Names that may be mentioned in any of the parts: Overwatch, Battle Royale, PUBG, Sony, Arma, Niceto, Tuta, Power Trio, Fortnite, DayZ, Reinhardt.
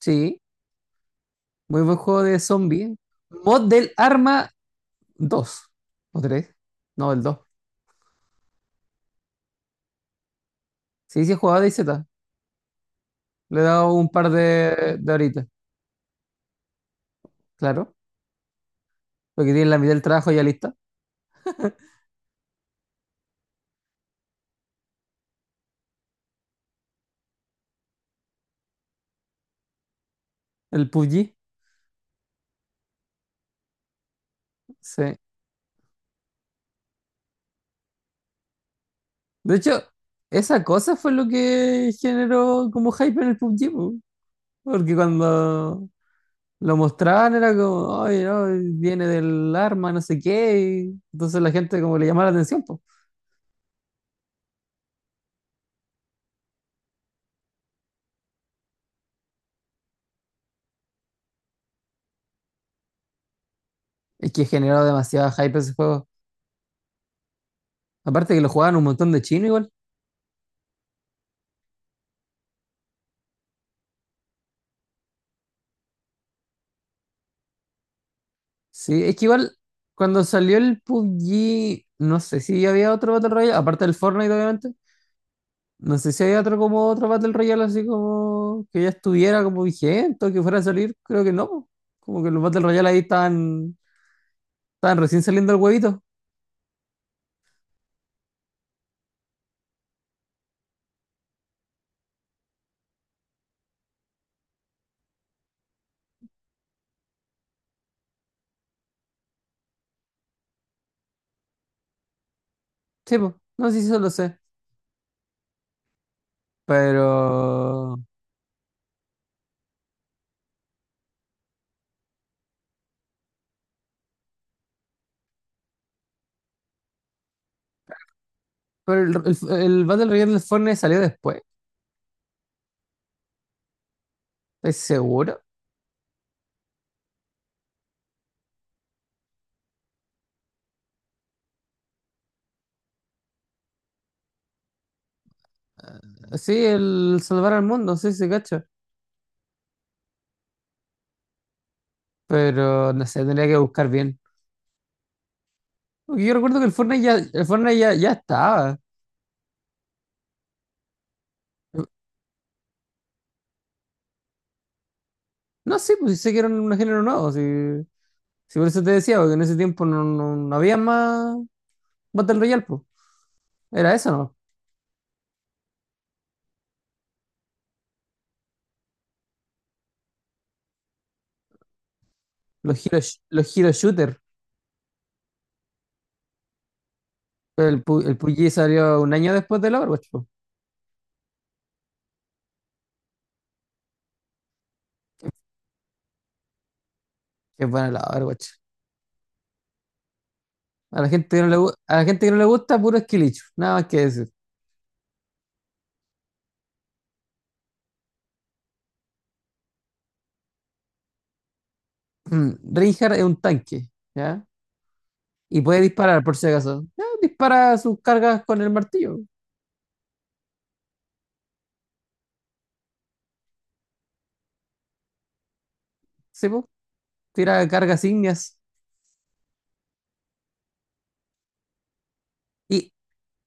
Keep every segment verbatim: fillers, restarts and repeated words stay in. Sí, muy buen juego de zombie. Mod del Arma dos, ¿o tres? No, el dos. Sí, sí, he jugado de Z. Le he dado un par de, de horitas, claro. Porque tiene la mitad del trabajo ya lista. El P U B G. Sí. De hecho, esa cosa fue lo que generó como hype en el P U B G, po. Porque cuando lo mostraban era como, ay, no, viene del arma, no sé qué. Y entonces la gente como le llamaba la atención, po. Es que generó demasiado hype ese juego. Aparte que lo jugaban un montón de chinos igual. Sí, es que igual cuando salió el P U B G, no sé si había otro Battle Royale, aparte del Fortnite obviamente, no sé si había otro como otro Battle Royale así como que ya estuviera como vigente o que fuera a salir, creo que no, po. Como que los Battle Royale ahí están, están recién saliendo el huevito. Sí, po. No sé si eso lo sé, pero pero el, el- el Battle Royale del Fortnite salió después, ¿estás seguro? Sí, el Salvar al Mundo, sí, se cacho, pero no sé, tendría que buscar bien. Porque yo recuerdo que el Fortnite ya, el Fortnite ya, ya estaba. No sé, pues sí sé que era un género nuevo. Si, si por eso te decía, porque en ese tiempo no, no, no había más Battle Royale, pues. Era eso, ¿no? Los hero, sh- los hero shooter. Pero el, pu- el P U B G salió un año después del Overwatch, pues. Qué bueno el Overwatch. A la gente que no le, gu- a la gente que no le gusta, puro esquilicho. Nada más que decir. Mm, Reinhardt es un tanque, ¿ya? Y puede disparar, por si acaso. Ya, dispara sus cargas con el martillo. ¿Sí, po? Tira cargas ígneas. Y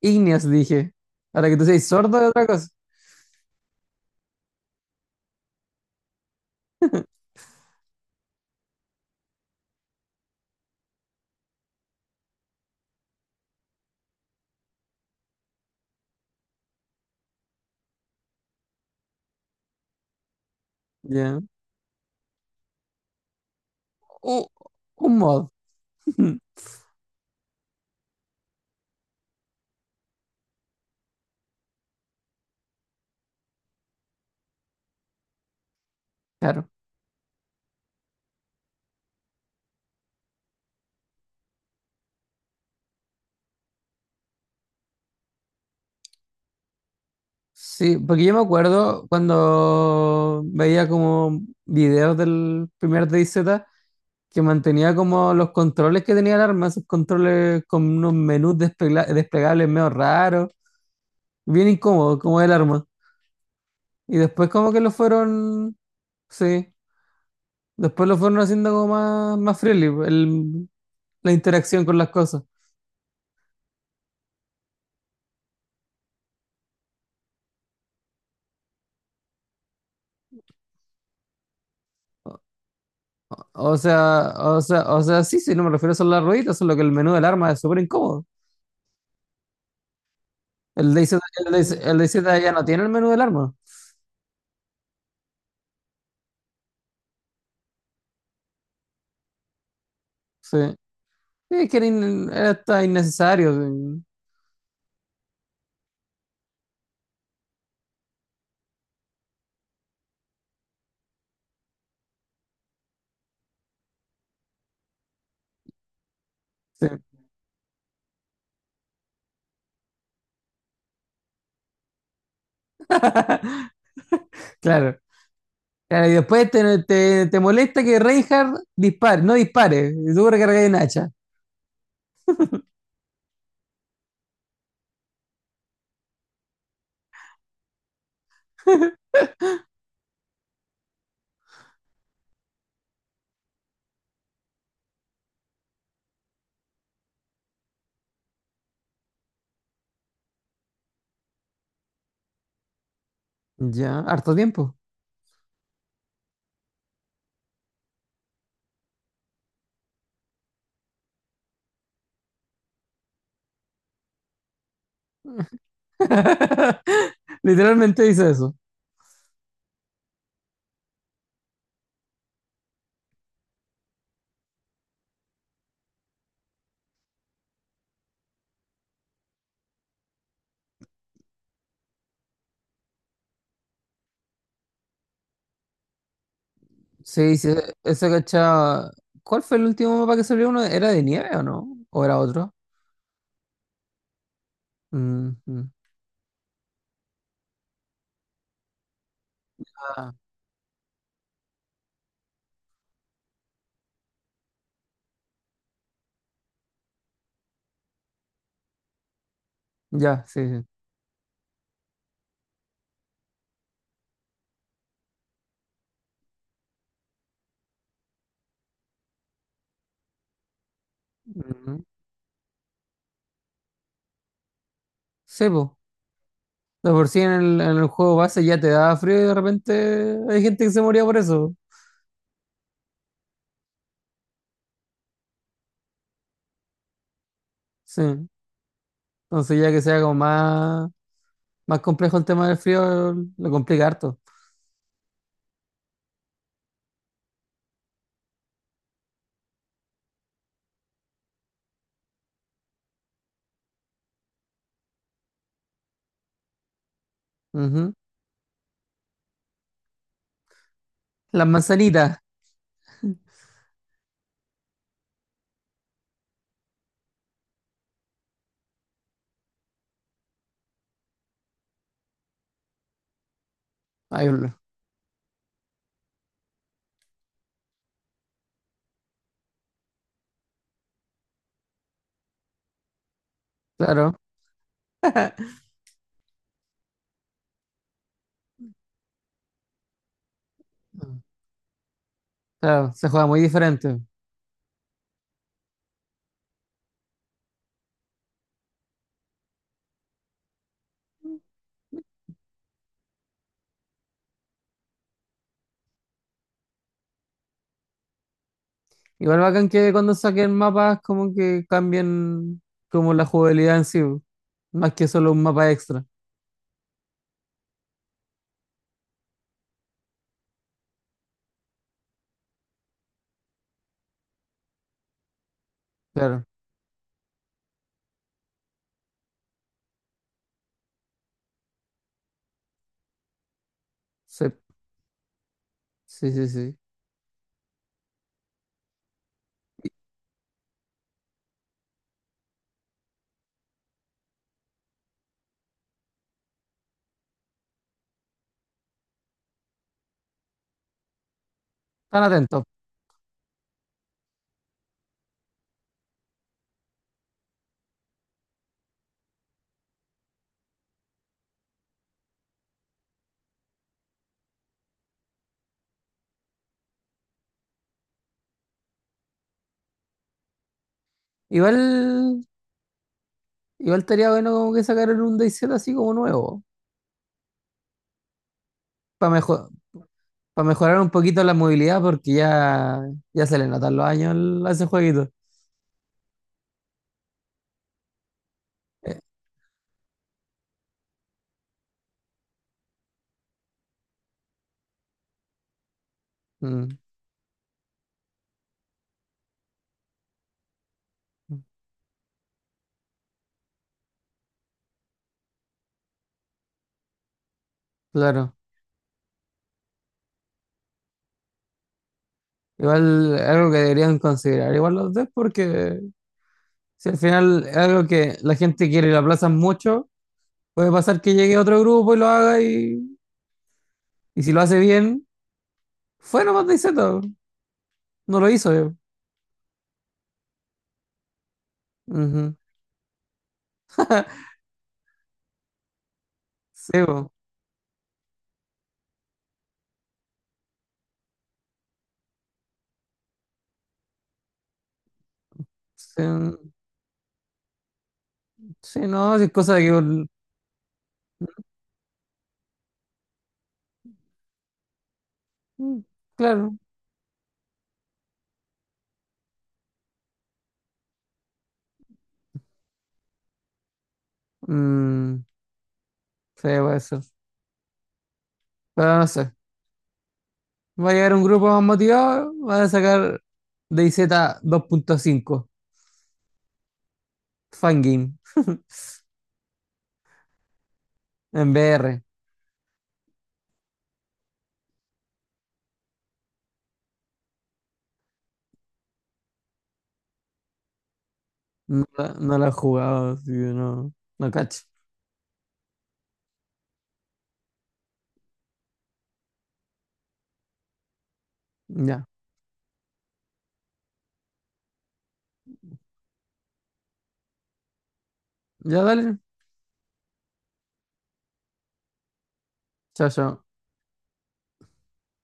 Igneos, dije. Ahora que tú seas sordo de otra cosa. Ya. Uh, Un mod. Claro. Sí, porque yo me acuerdo cuando veía como videos del primer DayZ que mantenía como los controles que tenía el arma, esos controles con unos menús desplegla- desplegables medio raros, bien incómodos como el arma. Y después como que lo fueron, sí, después lo fueron haciendo como más, más friendly, el- la interacción con las cosas. O sea, o sea, o sea, sí, sí, no me refiero solo a las rueditas, solo que el menú del arma es súper incómodo. El DayZ, el DayZ el DayZ ya no tiene el menú del arma. Sí. Sí, es que era, in- era hasta innecesario. Sí. Sí. Claro. Claro, y después te, te, te molesta que Reinhardt dispare, no dispare, y tú recargas un hacha. Ya, harto tiempo. Literalmente dice eso. Sí, sí, eso cachaba. ¿Cuál fue el último mapa que salió uno? ¿Era de nieve o no? ¿O era otro? Mm, mm. Ah, ya, sí, sí. Ujú. Sí, po. De por sí en el, en el juego base ya te da frío y de repente hay gente que se moría por eso. Sí. Entonces ya que sea como más, más complejo el tema del frío, lo complica harto. Ujú. Las manzanitas. Ahí lo- claro. Claro, se juega muy diferente. Igual bacán que cuando saquen mapas como que cambien como la jugabilidad en sí, po, más que solo un mapa extra. Claro. Sí, sí, sí, sí. Están atentos. Igual. Igual estaría bueno como que sacaran un DayZ así como nuevo, para mejor, para mejorar un poquito la movilidad, porque ya, ya se le notan los años al- a ese jueguito. Eh, mm, claro. Igual algo que deberían considerar, igual los devs, porque si al final es algo que la gente quiere y lo aplazan mucho, puede pasar que llegue otro grupo y lo haga y, y si lo hace bien, fue nomás DayZ, no lo hizo yo. Ujú. Sí, po. Sí, mm, sí, no, sí, es cosa de que... Mm, claro. Mm, sí, puede ser. Pero no sé. Va a llegar un grupo más motivado. Van a sacar D Z dos punto cinco Fangame. En V R. No, la- no lo he jugado, así que no, no cacho. Ya. Ya dale. Chao, chao.